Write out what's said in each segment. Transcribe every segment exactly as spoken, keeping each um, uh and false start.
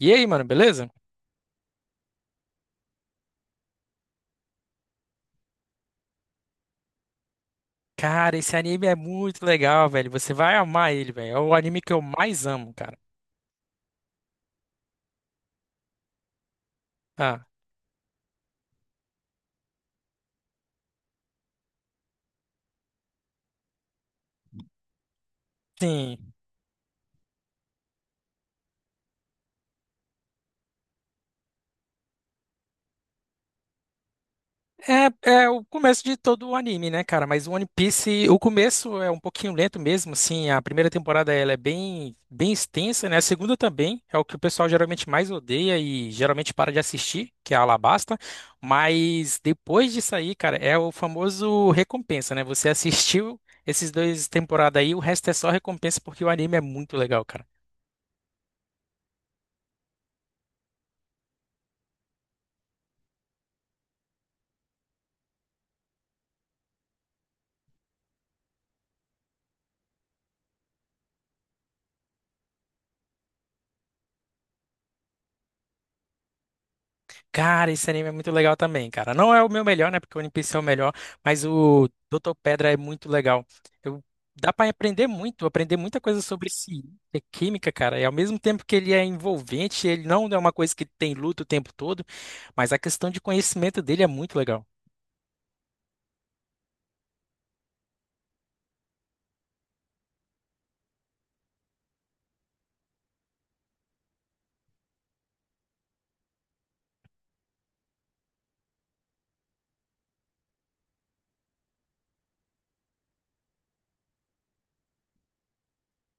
E aí, mano, beleza? Cara, esse anime é muito legal, velho. Você vai amar ele, velho. É o anime que eu mais amo, cara. Ah, sim. É, é o começo de todo o anime, né, cara? Mas o One Piece, o começo é um pouquinho lento mesmo, assim. A primeira temporada ela é bem, bem extensa, né? A segunda também é o que o pessoal geralmente mais odeia e geralmente para de assistir, que é a Alabasta. Mas depois disso aí, cara, é o famoso recompensa, né? Você assistiu esses dois temporadas aí, o resto é só recompensa porque o anime é muito legal, cara. Cara, esse anime é muito legal também, cara. Não é o meu melhor, né? Porque o One Piece é o melhor, mas o Doutor Pedra é muito legal. Eu, dá pra aprender muito, aprender muita coisa sobre ciência, química, cara. E ao mesmo tempo que ele é envolvente, ele não é uma coisa que tem luta o tempo todo, mas a questão de conhecimento dele é muito legal.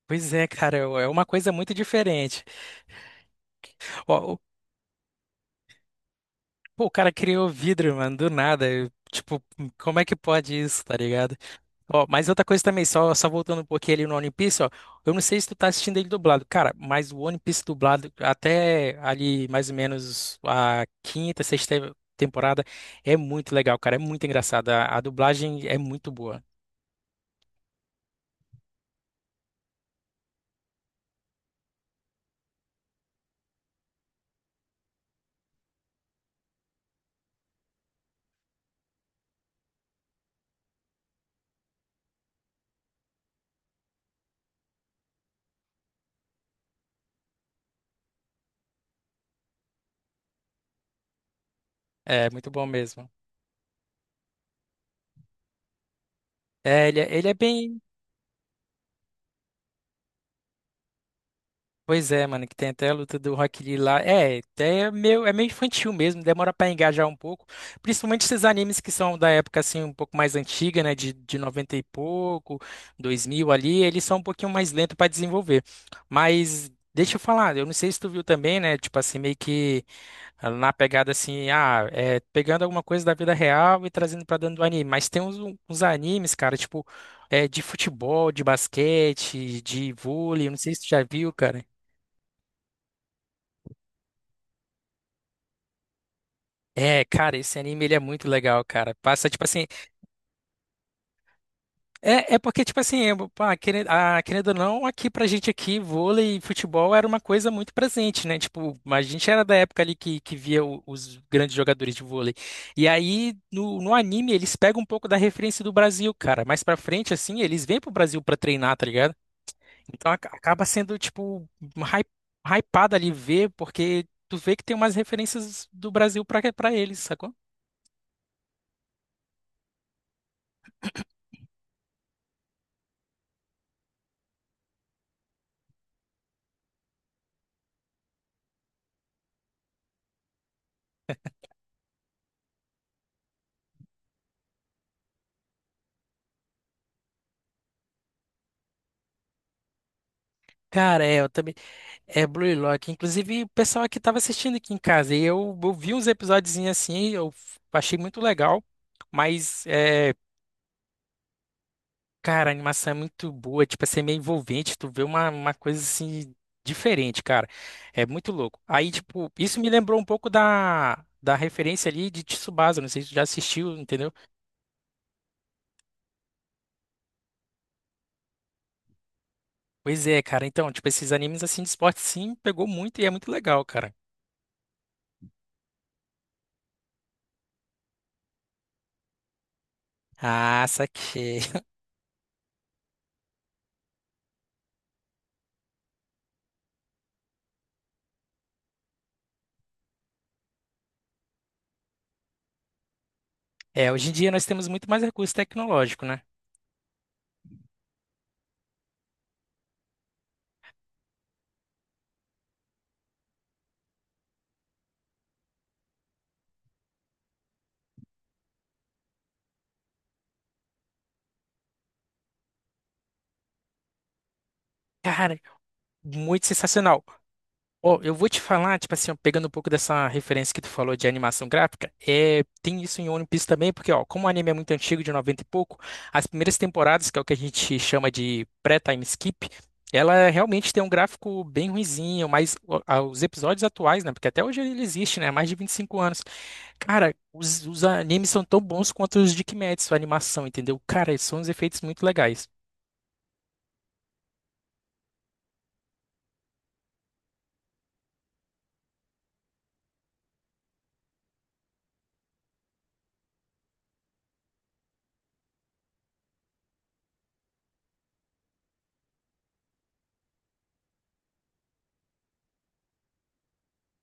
Pois é, cara, é é uma coisa muito diferente. Ó, o- pô, o cara criou vidro, mano, do nada. Eu, tipo, como é que pode isso, tá ligado? Ó, mas outra coisa também, só, só voltando um pouquinho ali no One Piece, ó. Eu não sei se tu tá assistindo ele dublado, cara, mas o One Piece dublado até ali mais ou menos a quinta, sexta temporada é muito legal, cara. É muito engraçado. A, a dublagem é muito boa. É muito bom mesmo. É, ele, é- ele é bem. Pois é, mano, que tem até a luta do Rock Lee lá. É, é meio, é meio infantil mesmo, demora pra engajar um pouco. Principalmente esses animes que são da época, assim, um pouco mais antiga, né? De, de noventa e pouco, dois mil ali, eles são um pouquinho mais lentos pra desenvolver. Mas deixa eu falar, eu não sei se tu viu também, né? Tipo assim, meio que. Ela na pegada assim, ah, é, pegando alguma coisa da vida real e trazendo pra dentro do anime. Mas tem uns, uns animes, cara, tipo, é, de futebol, de basquete, de vôlei, eu não sei se tu já viu, cara. É, cara, esse anime ele é muito legal, cara. Passa, tipo assim, é, é porque, tipo assim, eu- pá, querendo, ah, querendo ou não, aqui pra gente aqui, vôlei e futebol era uma coisa muito presente, né? Tipo, a gente era da época ali que, que via o- os grandes jogadores de vôlei. E aí, no, no anime, eles pegam um pouco da referência do Brasil, cara. Mais pra frente, assim, eles vêm pro Brasil pra treinar, tá ligado? Então ac- acaba sendo, tipo, hy- hypado ali ver, porque tu vê que tem umas referências do Brasil pra, pra eles, sacou? Cara, é, eu também. É Blue Lock. Inclusive, o pessoal aqui estava assistindo aqui em casa e eu, eu vi uns episódios assim, eu f- achei muito legal. Mas, é, cara, a animação é muito boa, tipo, assim, é meio envolvente, tu vê uma, uma coisa assim diferente, cara. É muito louco. Aí, tipo, isso me lembrou um pouco da, da referência ali de Tsubasa, não sei se tu já assistiu, entendeu? Pois é, cara. Então, tipo, esses animes assim de esporte sim pegou muito e é muito legal, cara. Ah, saquei. É, hoje em dia nós temos muito mais recurso tecnológico, né? Cara. Muito sensacional. Ó, eu vou te falar, tipo assim, ó, pegando um pouco dessa referência que tu falou de animação gráfica, é, tem isso em One Piece também, porque, ó, como o anime é muito antigo, de noventa e pouco, as primeiras temporadas, que é o que a gente chama de pré-time skip, ela realmente tem um gráfico bem ruinzinho, mas ó, a- os episódios atuais, né, porque até hoje ele existe, né, há mais de vinte e cinco anos. Cara, os, os animes são tão bons quanto os de Kimetsu, a animação, entendeu? Cara, são uns efeitos muito legais.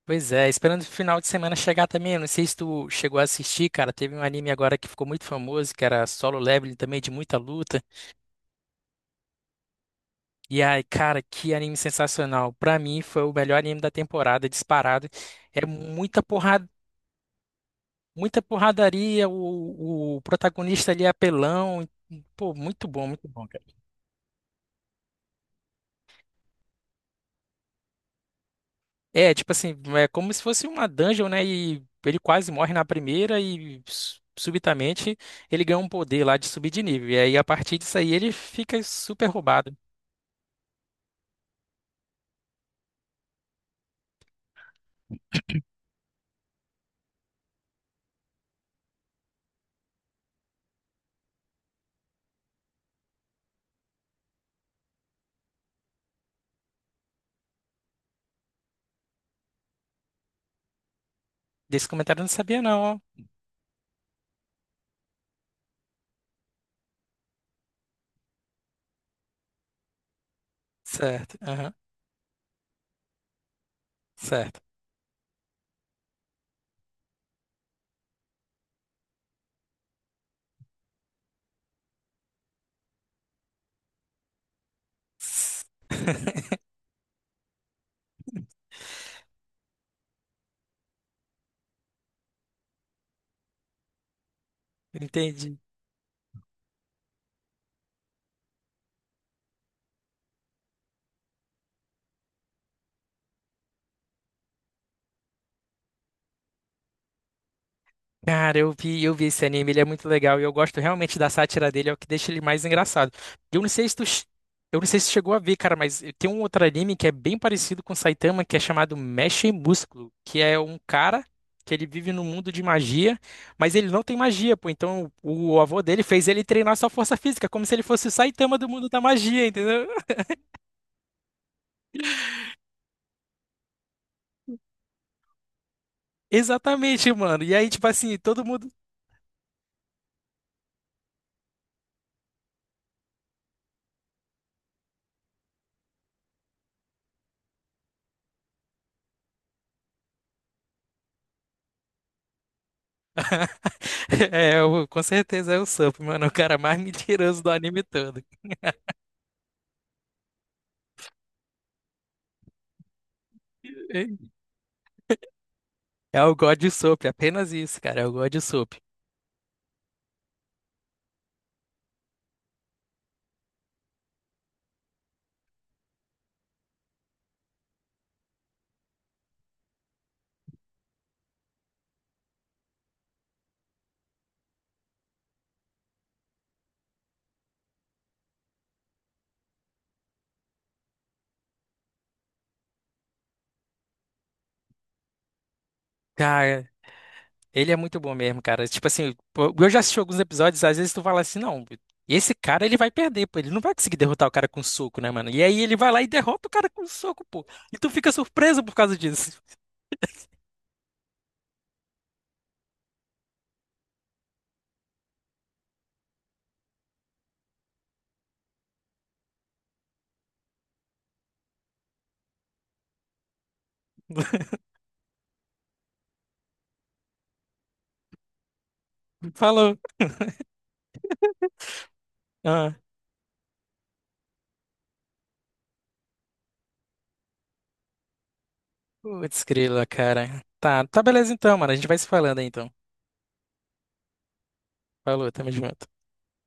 Pois é, esperando o final de semana chegar também. Eu não sei se tu chegou a assistir, cara. Teve um anime agora que ficou muito famoso, que era Solo Leveling também, de muita luta. E ai, cara, que anime sensacional. Pra mim, foi o melhor anime da temporada, disparado. É muita porrada, muita porradaria. O, o protagonista ali é apelão. Pô, muito bom, muito bom, cara. É, tipo assim, é como se fosse uma dungeon, né? E ele quase morre na primeira e su- subitamente ele ganha um poder lá de subir de nível. E aí, a partir disso aí, ele fica super roubado. Desse comentário eu não sabia, não, ó. Certo, aham, certo. Entendi. Cara, eu vi, eu vi esse anime, ele é muito legal e eu gosto realmente da sátira dele, é o que deixa ele mais engraçado. Eu não sei se tu, che- eu não sei se chegou a ver, cara, mas tem um outro anime que é bem parecido com Saitama, que é chamado Mecha e Músculo, que é um cara que ele vive num mundo de magia, mas ele não tem magia, pô. Então o, o avô dele fez ele treinar sua força física, como se ele fosse o Saitama do mundo da magia, entendeu? Exatamente, mano. E aí, tipo assim, todo mundo. É, eu- com certeza é o Sup, mano, o cara mais mentiroso do anime todo. É o God Soap, apenas isso, cara. É o God Soap. Cara, ele é muito bom mesmo, cara. Tipo assim, pô, eu já assisti alguns episódios, às vezes tu fala assim, não, esse cara ele vai perder, pô. Ele não vai conseguir derrotar o cara com soco, né, mano? E aí ele vai lá e derrota o cara com soco, pô. E tu fica surpreso por causa disso. Falou. Ah, putz, grila, cara. Tá, tá beleza então, mano. A gente vai se falando aí então. Falou, tamo junto.